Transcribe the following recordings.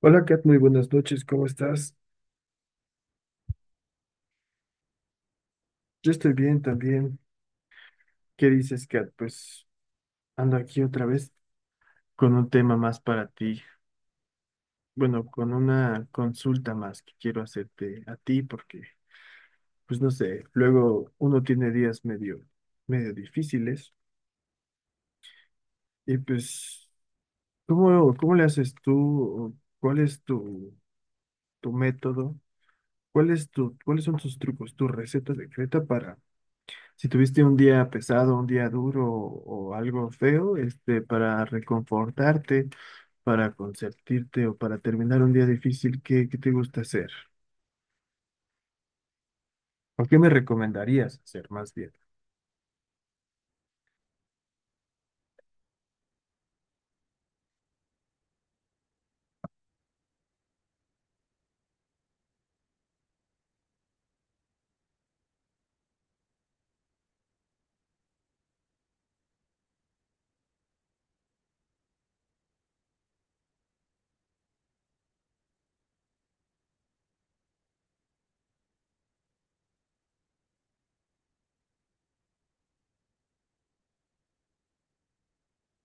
Hola Kat, muy buenas noches, ¿cómo estás? Yo estoy bien también. ¿Qué dices, Kat? Pues ando aquí otra vez con un tema más para ti. Bueno, con una consulta más que quiero hacerte a ti porque, pues no sé, luego uno tiene días medio difíciles y pues, ¿cómo le haces tú? ¿Cuál es tu método? ¿Cuál es cuáles son tus trucos? ¿Tu receta secreta para... Si tuviste un día pesado, un día duro o algo feo, para reconfortarte, para consentirte o para terminar un día difícil, ¿qué te gusta hacer? ¿O qué me recomendarías hacer más bien?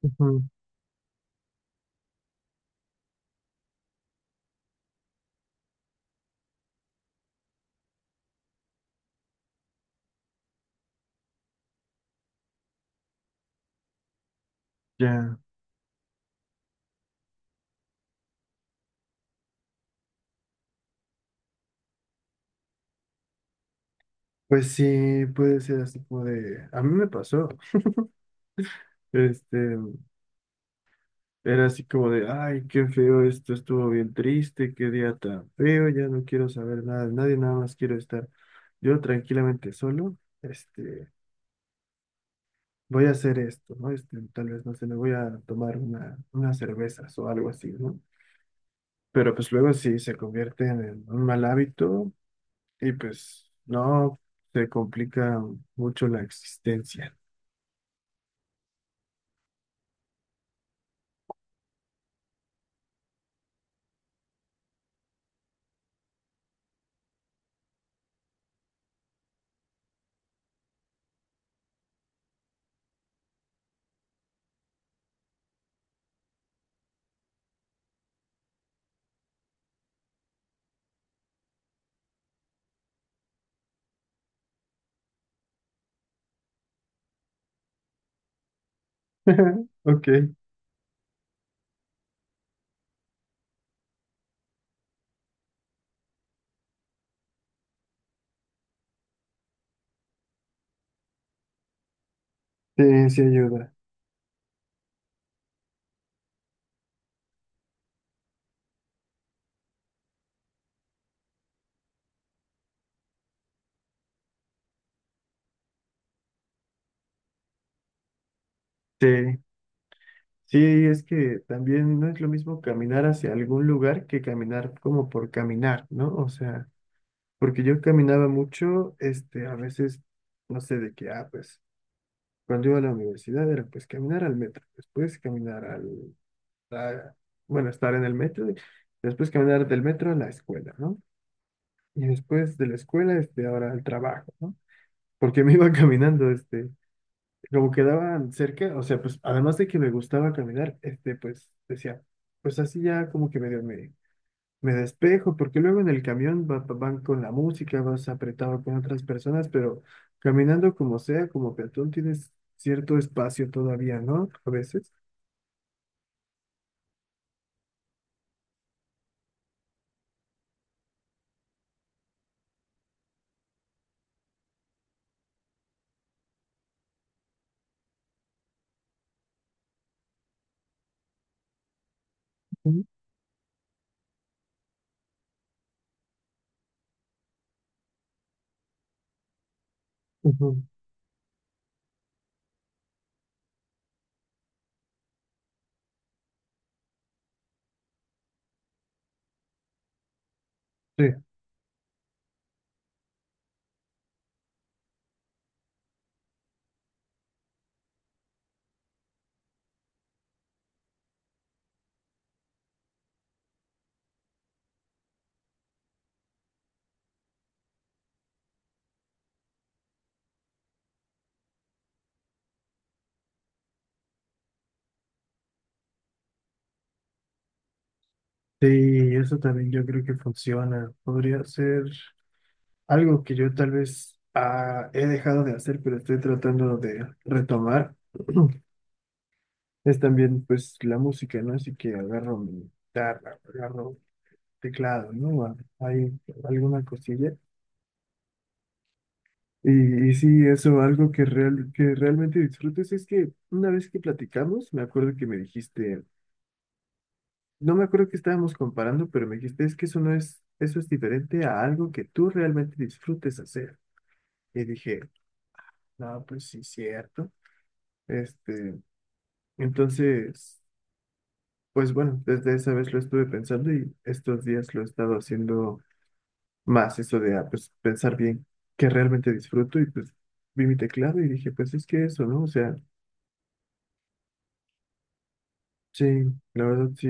Ujú. Ya. Pues sí, puede ser así como de, a mí me pasó, este, era así como de, ay, qué feo esto, estuvo bien triste, qué día tan feo, ya no quiero saber nada de nadie, nada más quiero estar yo tranquilamente solo, este, voy a hacer esto, ¿no? Tal vez, no sé, me voy a tomar unas cervezas o algo así, ¿no? Pero pues luego sí se convierten en un mal hábito y pues no se complica mucho la existencia. Ok. Sí, sí ayuda. Sí, sí, es que también no es lo mismo caminar hacia algún lugar que caminar como por caminar, ¿no? O sea, porque yo caminaba mucho, a veces, no sé de qué, pues. Cuando iba a la universidad era pues caminar al metro, después a- bueno, estar en el metro, y después caminar del metro a la escuela, ¿no? Y después de la escuela, ahora al trabajo, ¿no? Porque me iba caminando, como quedaban cerca, o sea, pues además de que me gustaba caminar, pues decía, pues así ya como que medio me despejo, porque luego en el camión van con la música, vas apretado con otras personas, pero caminando como sea, como peatón, tienes cierto espacio todavía, ¿no? A veces. Ujú, ujú. Sí. Sí, eso también yo creo que funciona. Podría ser algo que yo tal vez he dejado de hacer, pero estoy tratando de retomar. Es también pues la música, ¿no? Así que agarro mi guitarra, agarro teclado, ¿no? Hay alguna cosilla. Y sí, eso, algo que, realmente disfrutes es que una vez que platicamos, me acuerdo que me dijiste, no me acuerdo que estábamos comparando, pero me dijiste, es que eso no es, eso es diferente a algo que tú realmente disfrutes hacer. Y dije, no, pues sí, cierto. Este, entonces, pues bueno, desde esa vez lo estuve pensando y estos días lo he estado haciendo más, eso de pues, pensar bien qué realmente disfruto y pues vi mi teclado y dije, pues es que eso, ¿no? O sea... Sí, la verdad sí.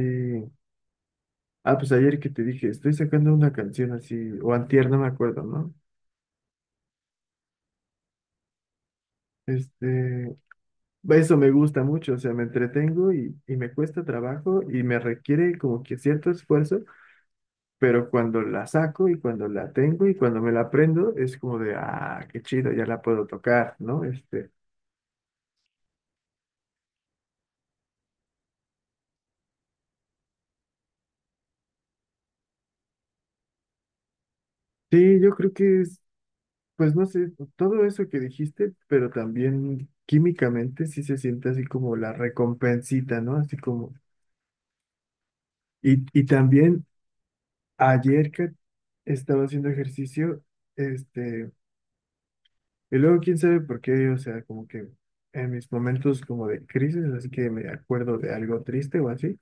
Ah, pues ayer que te dije, estoy sacando una canción así, o antier, no me acuerdo, ¿no? Este, eso me gusta mucho, o sea, me entretengo y me cuesta trabajo y me requiere como que cierto esfuerzo, pero cuando la saco y cuando la tengo y cuando me la aprendo, es como de, ah, qué chido, ya la puedo tocar, ¿no? Sí, yo creo que es, pues no sé, todo eso que dijiste, pero también químicamente sí se siente así como la recompensita, ¿no? Así como... Y también ayer que estaba haciendo ejercicio, este, y luego quién sabe por qué, o sea, como que en mis momentos como de crisis, así que me acuerdo de algo triste o así,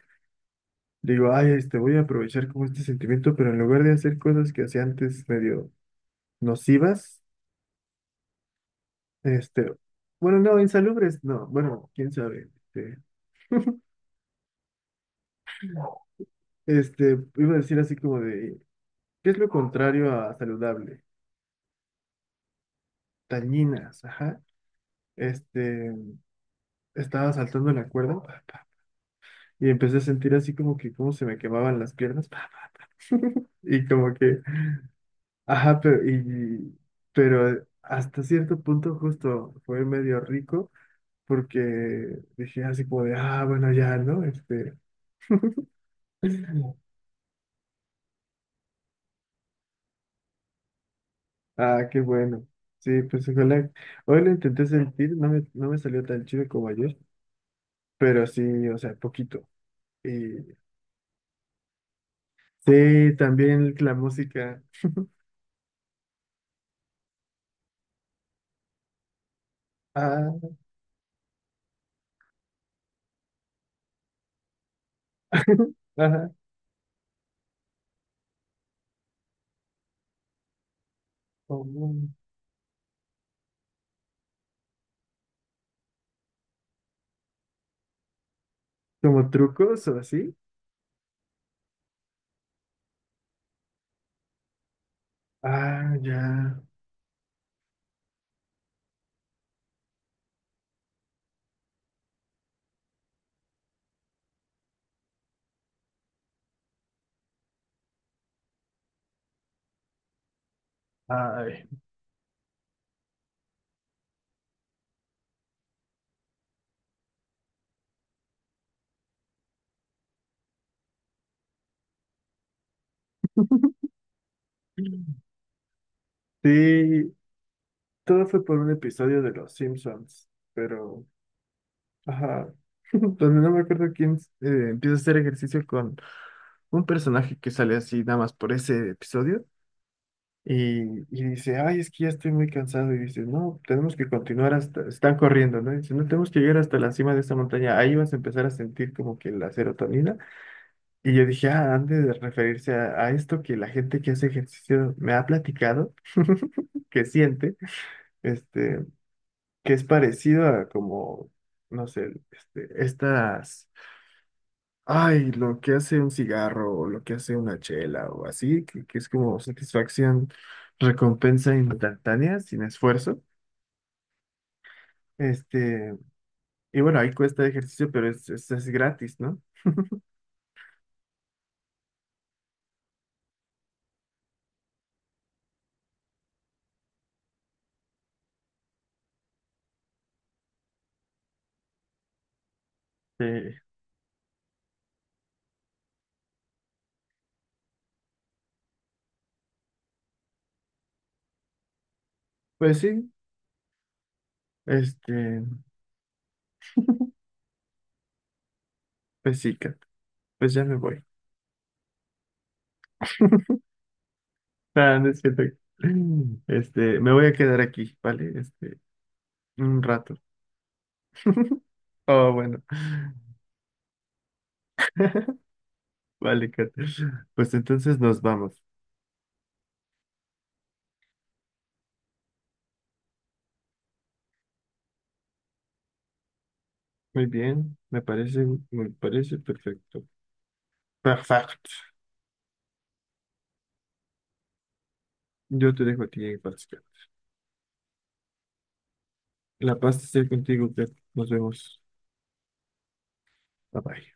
digo, ay, voy a aprovechar como este sentimiento, pero en lugar de hacer cosas que hacía antes medio nocivas, este, bueno, no, insalubres, no, bueno, quién sabe, este, iba a decir así como de, ¿qué es lo contrario a saludable? Tañinas, ajá. Este, estaba saltando la cuerda, pa, pa, y empecé a sentir así como que cómo se me quemaban las piernas, pa, pa, y como que, ajá, pero hasta cierto punto justo fue medio rico porque dije así como de, ah, bueno, ya, ¿no? Qué bueno. Sí, pues ojalá. Hoy lo intenté sentir, no me salió tan chido como ayer, pero sí, o sea, poquito. Y sí, también la música. Ah, ajá. ¿Como trucos o así? Ah, ya. Ay. Sí, todo fue por un episodio de Los Simpsons, pero, ajá, donde no me acuerdo quién empieza a hacer ejercicio con un personaje que sale así nada más por ese episodio y, y dice, ay, es que ya estoy muy cansado y dice, no, tenemos que continuar hasta, están corriendo, ¿no? Y dice, no, tenemos que llegar hasta la cima de esta montaña, ahí vas a empezar a sentir como que la serotonina. Y yo dije, ah, han de referirse a esto que la gente que hace ejercicio me ha platicado, que siente, este, que es parecido a como, no sé, ay, lo que hace un cigarro o lo que hace una chela o así, que es como satisfacción, recompensa instantánea, sin esfuerzo. Este, y bueno, ahí cuesta ejercicio, pero es gratis, ¿no? Eh, pues sí, este, pues sí, Kat, pues ya me voy. Ah, no es cierto. Me voy a quedar aquí, ¿vale? Un rato. Oh, bueno. Vale, Kat. Pues entonces nos vamos. Muy bien, me parece perfecto. Perfecto. Yo te dejo a ti, Pascal. La paz esté contigo, Kat. Nos vemos. Bye bye.